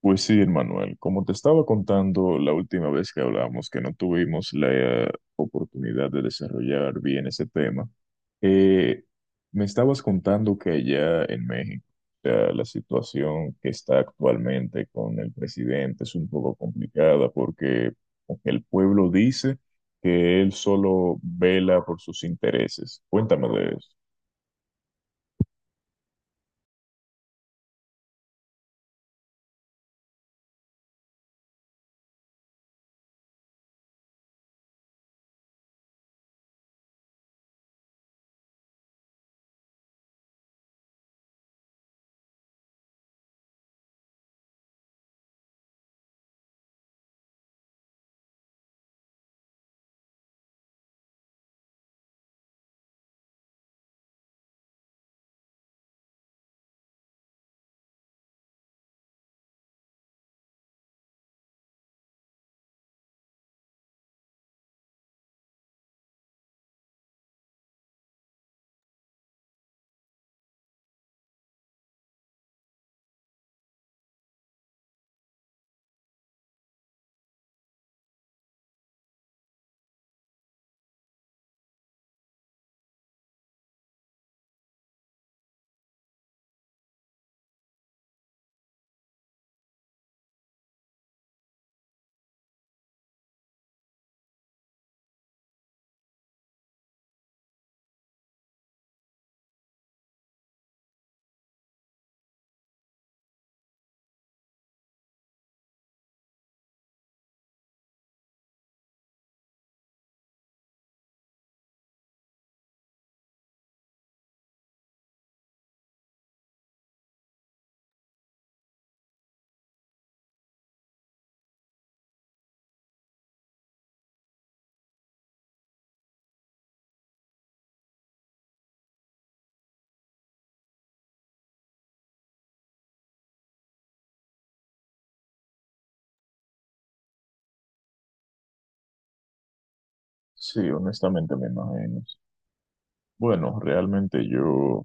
Pues sí, Manuel, como te estaba contando la última vez que hablamos, que no tuvimos la oportunidad de desarrollar bien ese tema, eh, me estabas contando que allá en México, o sea, la situación que está actualmente con el presidente es un poco complicada porque el pueblo dice que él solo vela por sus intereses. Cuéntame de eso. Sí, honestamente me imagino. Bueno, realmente yo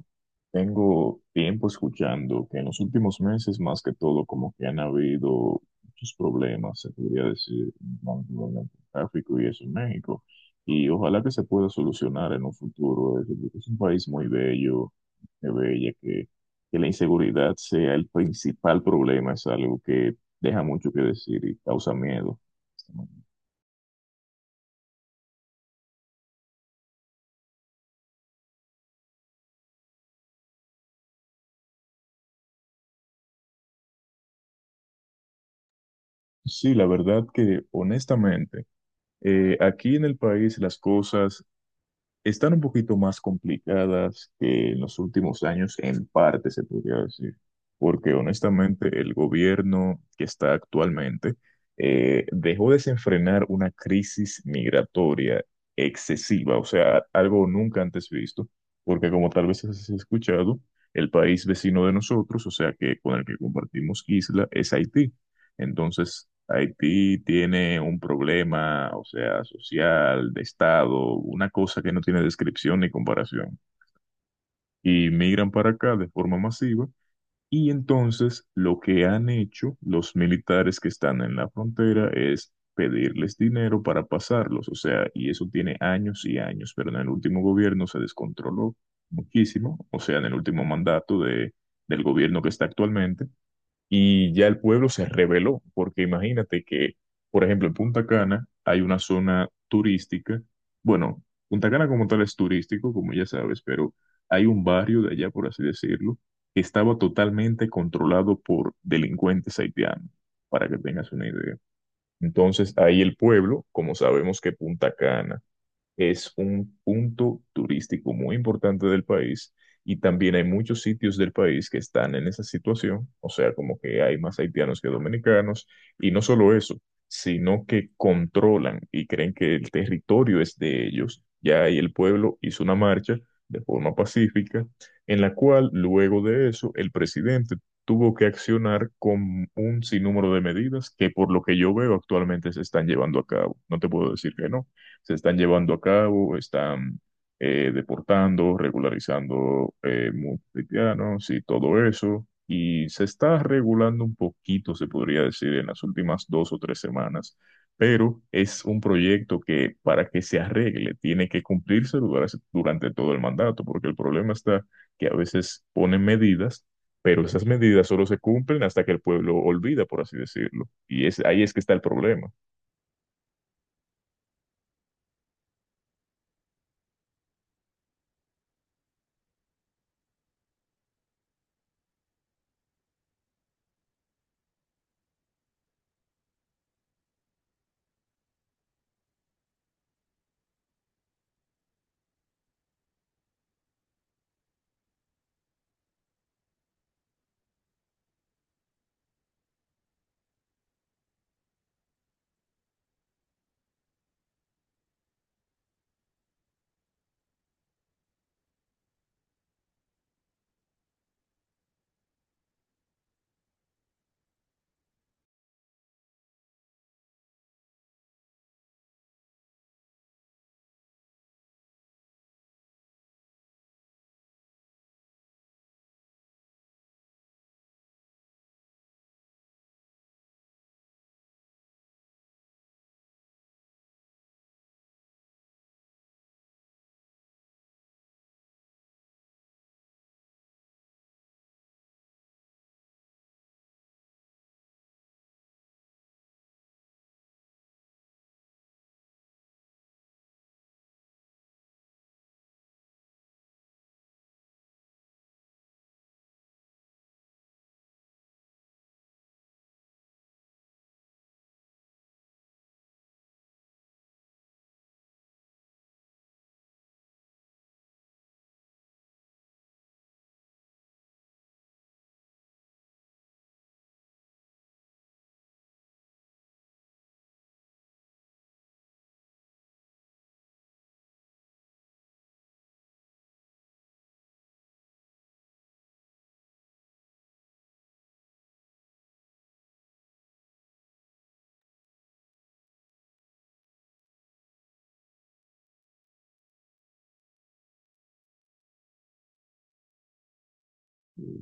tengo tiempo escuchando que en los últimos meses, más que todo, como que han habido muchos problemas, se podría decir, con el tráfico y eso en México. Y ojalá que se pueda solucionar en un futuro. Es un país muy bello, muy bella, que la inseguridad sea el principal problema, es algo que deja mucho que decir y causa miedo. Sí, la verdad que honestamente, aquí en el país las cosas están un poquito más complicadas que en los últimos años, en parte se podría decir, porque honestamente el gobierno que está actualmente dejó desenfrenar una crisis migratoria excesiva, o sea, algo nunca antes visto, porque como tal vez has escuchado, el país vecino de nosotros, o sea, que con el que compartimos isla, es Haití. Entonces, Haití tiene un problema, o sea, social, de Estado, una cosa que no tiene descripción ni comparación. Y migran para acá de forma masiva. Y entonces lo que han hecho los militares que están en la frontera es pedirles dinero para pasarlos. O sea, y eso tiene años y años, pero en el último gobierno se descontroló muchísimo, o sea, en el último mandato de, del gobierno que está actualmente y ya el pueblo se rebeló, porque imagínate que, por ejemplo, en Punta Cana hay una zona turística, bueno, Punta Cana como tal es turístico, como ya sabes, pero hay un barrio de allá, por así decirlo, que estaba totalmente controlado por delincuentes haitianos, para que tengas una idea. Entonces, ahí el pueblo, como sabemos que Punta Cana es un punto turístico muy importante del país y también hay muchos sitios del país que están en esa situación, o sea, como que hay más haitianos que dominicanos y no solo eso, sino que controlan y creen que el territorio es de ellos. Ya ahí el pueblo hizo una marcha de forma pacífica en la cual luego de eso el presidente tuvo que accionar con un sinnúmero de medidas que por lo que yo veo actualmente se están llevando a cabo. No te puedo decir que no se están llevando a cabo, están deportando, regularizando muchos haitianos y todo eso. Y se está regulando un poquito, se podría decir, en las últimas dos o tres semanas. Pero es un proyecto que para que se arregle tiene que cumplirse durante todo el mandato, porque el problema está que a veces ponen medidas pero esas medidas solo se cumplen hasta que el pueblo olvida, por así decirlo. Y es, ahí es que está el problema.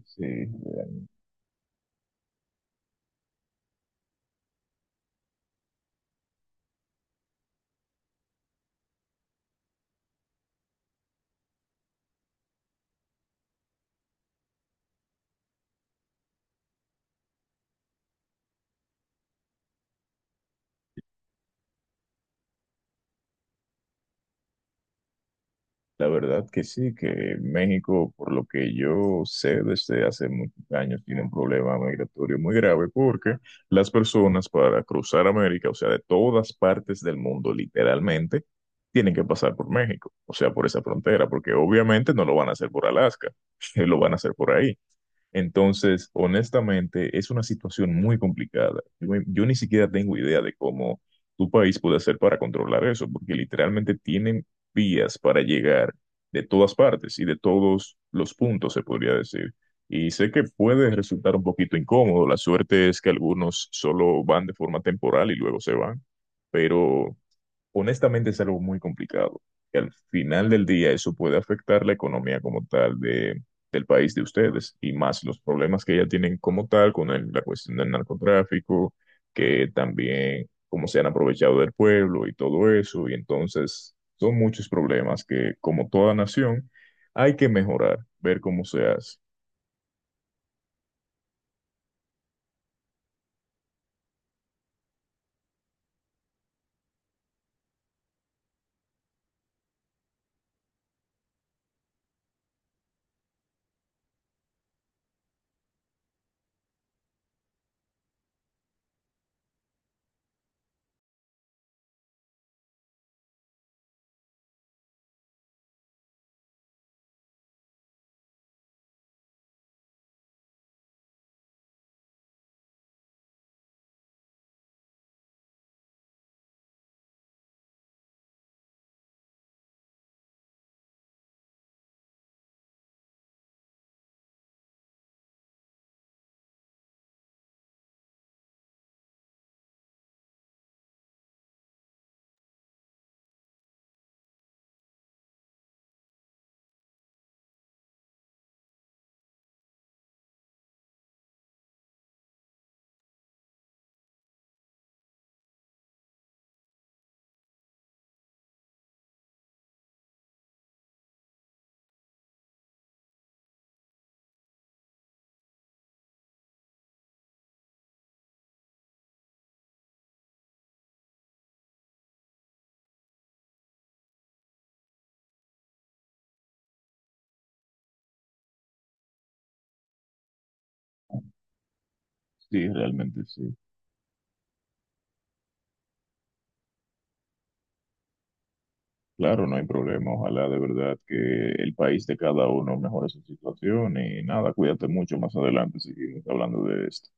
Sí, la verdad que sí, que México, por lo que yo sé desde hace muchos años, tiene un problema migratorio muy grave porque las personas para cruzar América, o sea, de todas partes del mundo, literalmente, tienen que pasar por México, o sea, por esa frontera, porque obviamente no lo van a hacer por Alaska, lo van a hacer por ahí. Entonces, honestamente, es una situación muy complicada. Yo ni siquiera tengo idea de cómo tu país puede hacer para controlar eso, porque literalmente tienen vías para llegar de todas partes y de todos los puntos, se podría decir. Y sé que puede resultar un poquito incómodo. La suerte es que algunos solo van de forma temporal y luego se van, pero honestamente es algo muy complicado. Y al final del día eso puede afectar la economía como tal de, del país de ustedes y más los problemas que ya tienen como tal con el- la cuestión del narcotráfico, que también cómo se han aprovechado del pueblo y todo eso. Y entonces son muchos problemas que como toda nación hay que mejorar, ver cómo se hace. Sí, realmente sí. Claro, no hay problema. Ojalá de verdad que el país de cada uno mejore su situación y nada, cuídate mucho. Más adelante seguimos hablando de esto.